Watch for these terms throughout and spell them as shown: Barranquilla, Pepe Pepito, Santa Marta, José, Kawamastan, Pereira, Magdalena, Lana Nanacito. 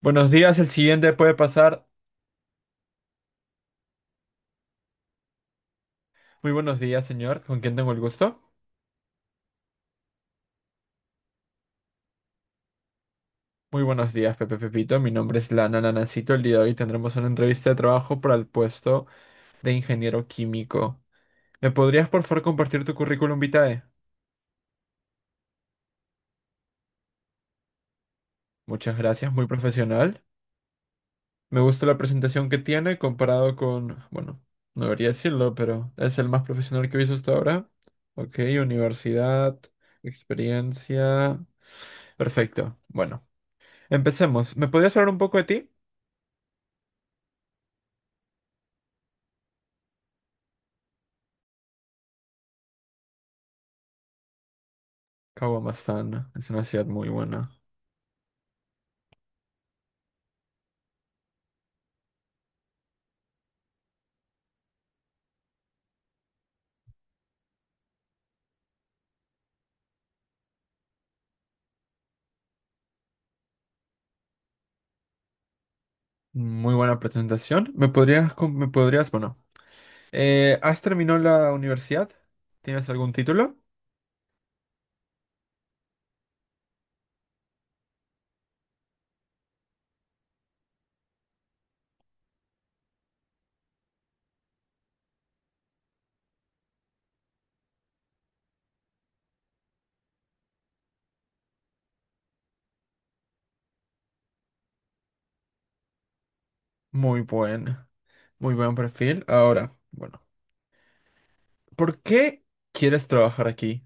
Buenos días, el siguiente puede pasar. Muy buenos días, señor. ¿Con quién tengo el gusto? Muy buenos días, Pepe Pepito. Mi nombre es Lana Nanacito. El día de hoy tendremos una entrevista de trabajo para el puesto de ingeniero químico. ¿Me podrías, por favor, compartir tu currículum vitae? Muchas gracias, muy profesional. Me gusta la presentación que tiene comparado con, bueno, no debería decirlo, pero es el más profesional que he visto hasta ahora. Ok, universidad, experiencia. Perfecto. Bueno, empecemos. ¿Me podrías hablar un poco de ti? Kawamastan es una ciudad muy buena. Muy buena presentación. ¿Me podrías, me podrías, bueno, has terminado la universidad? ¿Tienes algún título? Muy buen, muy buen perfil. Ahora, bueno, ¿por qué quieres trabajar aquí?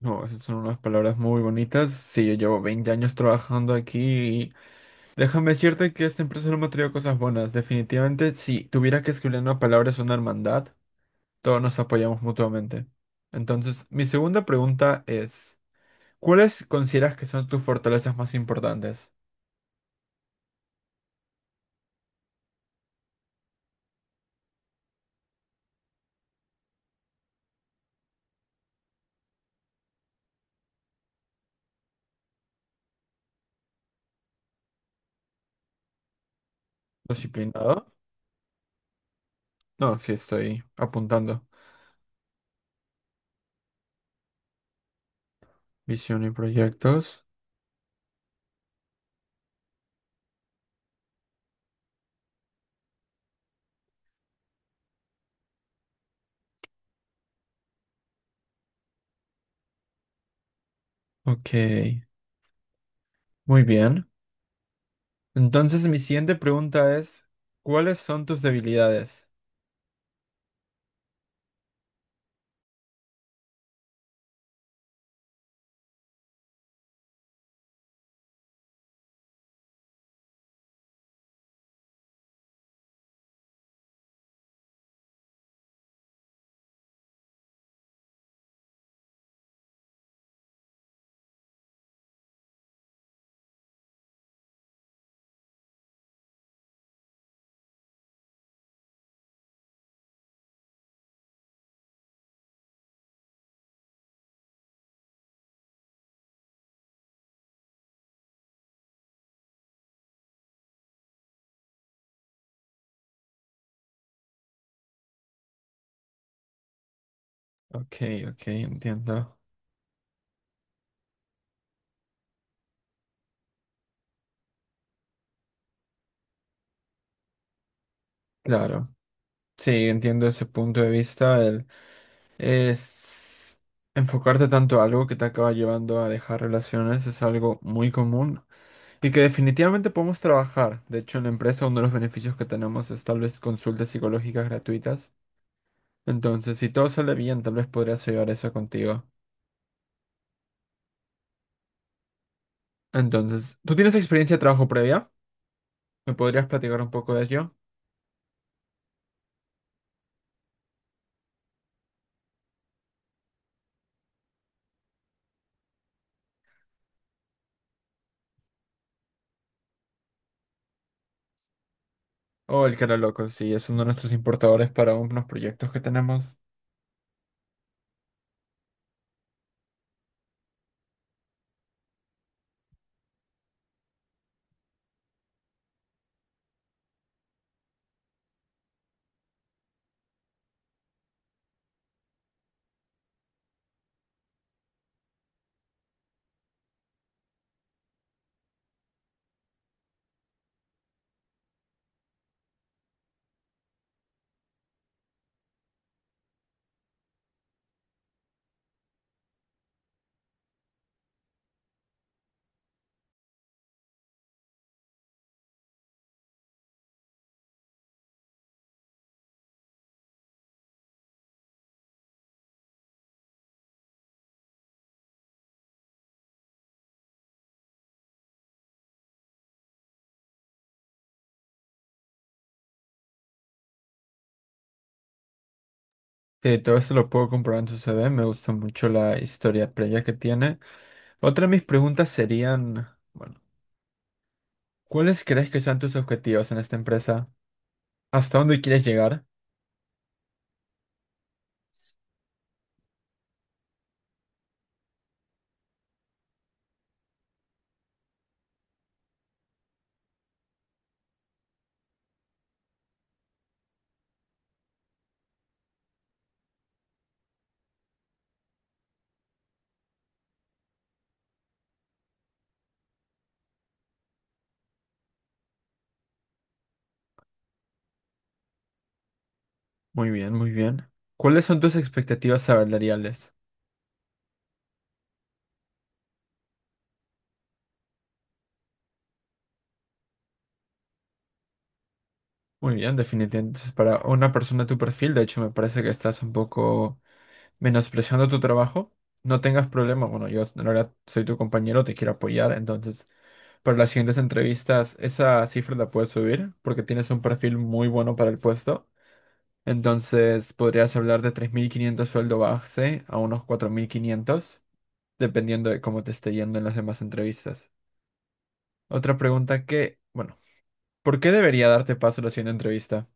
No, esas son unas palabras muy bonitas. Sí, yo llevo 20 años trabajando aquí y déjame decirte que esta empresa no me ha traído cosas buenas. Definitivamente, si tuviera que escribir en una palabra es una hermandad. Todos nos apoyamos mutuamente. Entonces, mi segunda pregunta es, ¿cuáles consideras que son tus fortalezas más importantes? ¿Disciplinado? No, sí, estoy apuntando. Visión y proyectos. Ok, muy bien. Entonces, mi siguiente pregunta es, ¿cuáles son tus debilidades? Ok, ok, entiendo. Claro. Sí, entiendo ese punto de vista. El, es enfocarte tanto a algo que te acaba llevando a dejar relaciones es algo muy común. Y que definitivamente podemos trabajar. De hecho, en la empresa uno de los beneficios que tenemos es tal vez consultas psicológicas gratuitas. Entonces, si todo sale bien, tal vez podrías llevar eso contigo. Entonces, ¿tú tienes experiencia de trabajo previa? ¿Me podrías platicar un poco de ello? O el que era loco, sí, es uno de nuestros importadores para unos proyectos que tenemos. Todo eso lo puedo comprobar en su CV. Me gusta mucho la historia previa que tiene. Otra de mis preguntas serían, bueno, ¿cuáles crees que sean tus objetivos en esta empresa? ¿Hasta dónde quieres llegar? Muy bien, muy bien. ¿Cuáles son tus expectativas salariales? Muy bien, definitivamente. Entonces, para una persona de tu perfil, de hecho, me parece que estás un poco menospreciando tu trabajo. No tengas problema. Bueno, yo en realidad soy tu compañero, te quiero apoyar. Entonces, para las siguientes entrevistas, esa cifra la puedes subir porque tienes un perfil muy bueno para el puesto. Entonces, podrías hablar de 3500 sueldo base a unos 4500 dependiendo de cómo te esté yendo en las demás entrevistas. Otra pregunta que, bueno, ¿por qué debería darte paso a la siguiente entrevista?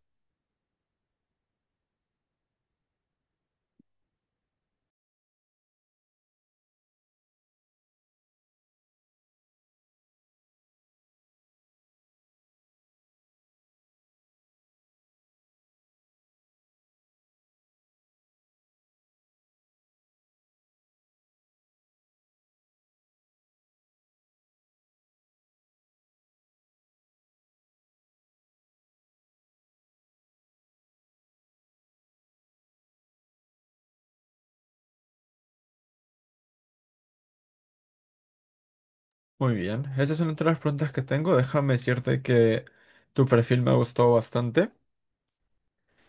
Muy bien, esa es una de las preguntas que tengo. Déjame decirte que tu perfil me ha gustado bastante.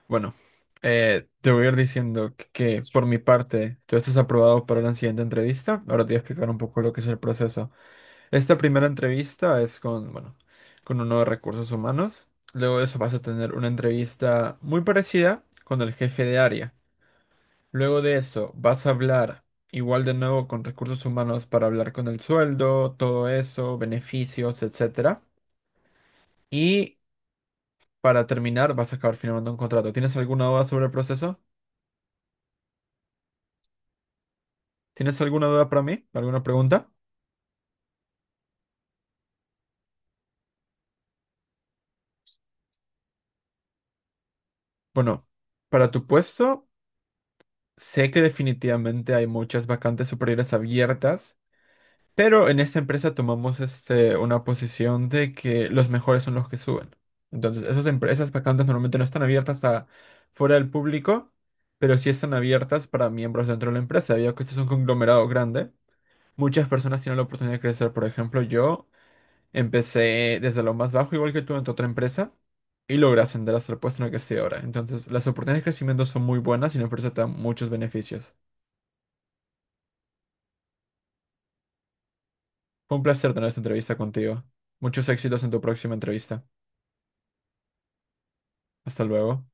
Bueno, te voy a ir diciendo que por mi parte tú estás aprobado para la siguiente entrevista. Ahora te voy a explicar un poco lo que es el proceso. Esta primera entrevista es con, bueno, con uno de recursos humanos. Luego de eso vas a tener una entrevista muy parecida con el jefe de área. Luego de eso, vas a hablar igual de nuevo con recursos humanos para hablar con el sueldo, todo eso, beneficios, etcétera. Y para terminar, vas a acabar firmando un contrato. ¿Tienes alguna duda sobre el proceso? ¿Tienes alguna duda para mí? ¿Alguna pregunta? Bueno, para tu puesto, sé que definitivamente hay muchas vacantes superiores abiertas. Pero en esta empresa tomamos este, una posición de que los mejores son los que suben. Entonces, esas empresas vacantes normalmente no están abiertas a fuera del público, pero sí están abiertas para miembros dentro de la empresa. Debido a que este es un conglomerado grande, muchas personas tienen la oportunidad de crecer. Por ejemplo, yo empecé desde lo más bajo, igual que tú, en tu otra empresa, y logré ascender hasta el puesto en el que estoy ahora. Entonces, las oportunidades de crecimiento son muy buenas y la empresa te da muchos beneficios. Fue un placer tener esta entrevista contigo. Muchos éxitos en tu próxima entrevista. Hasta luego.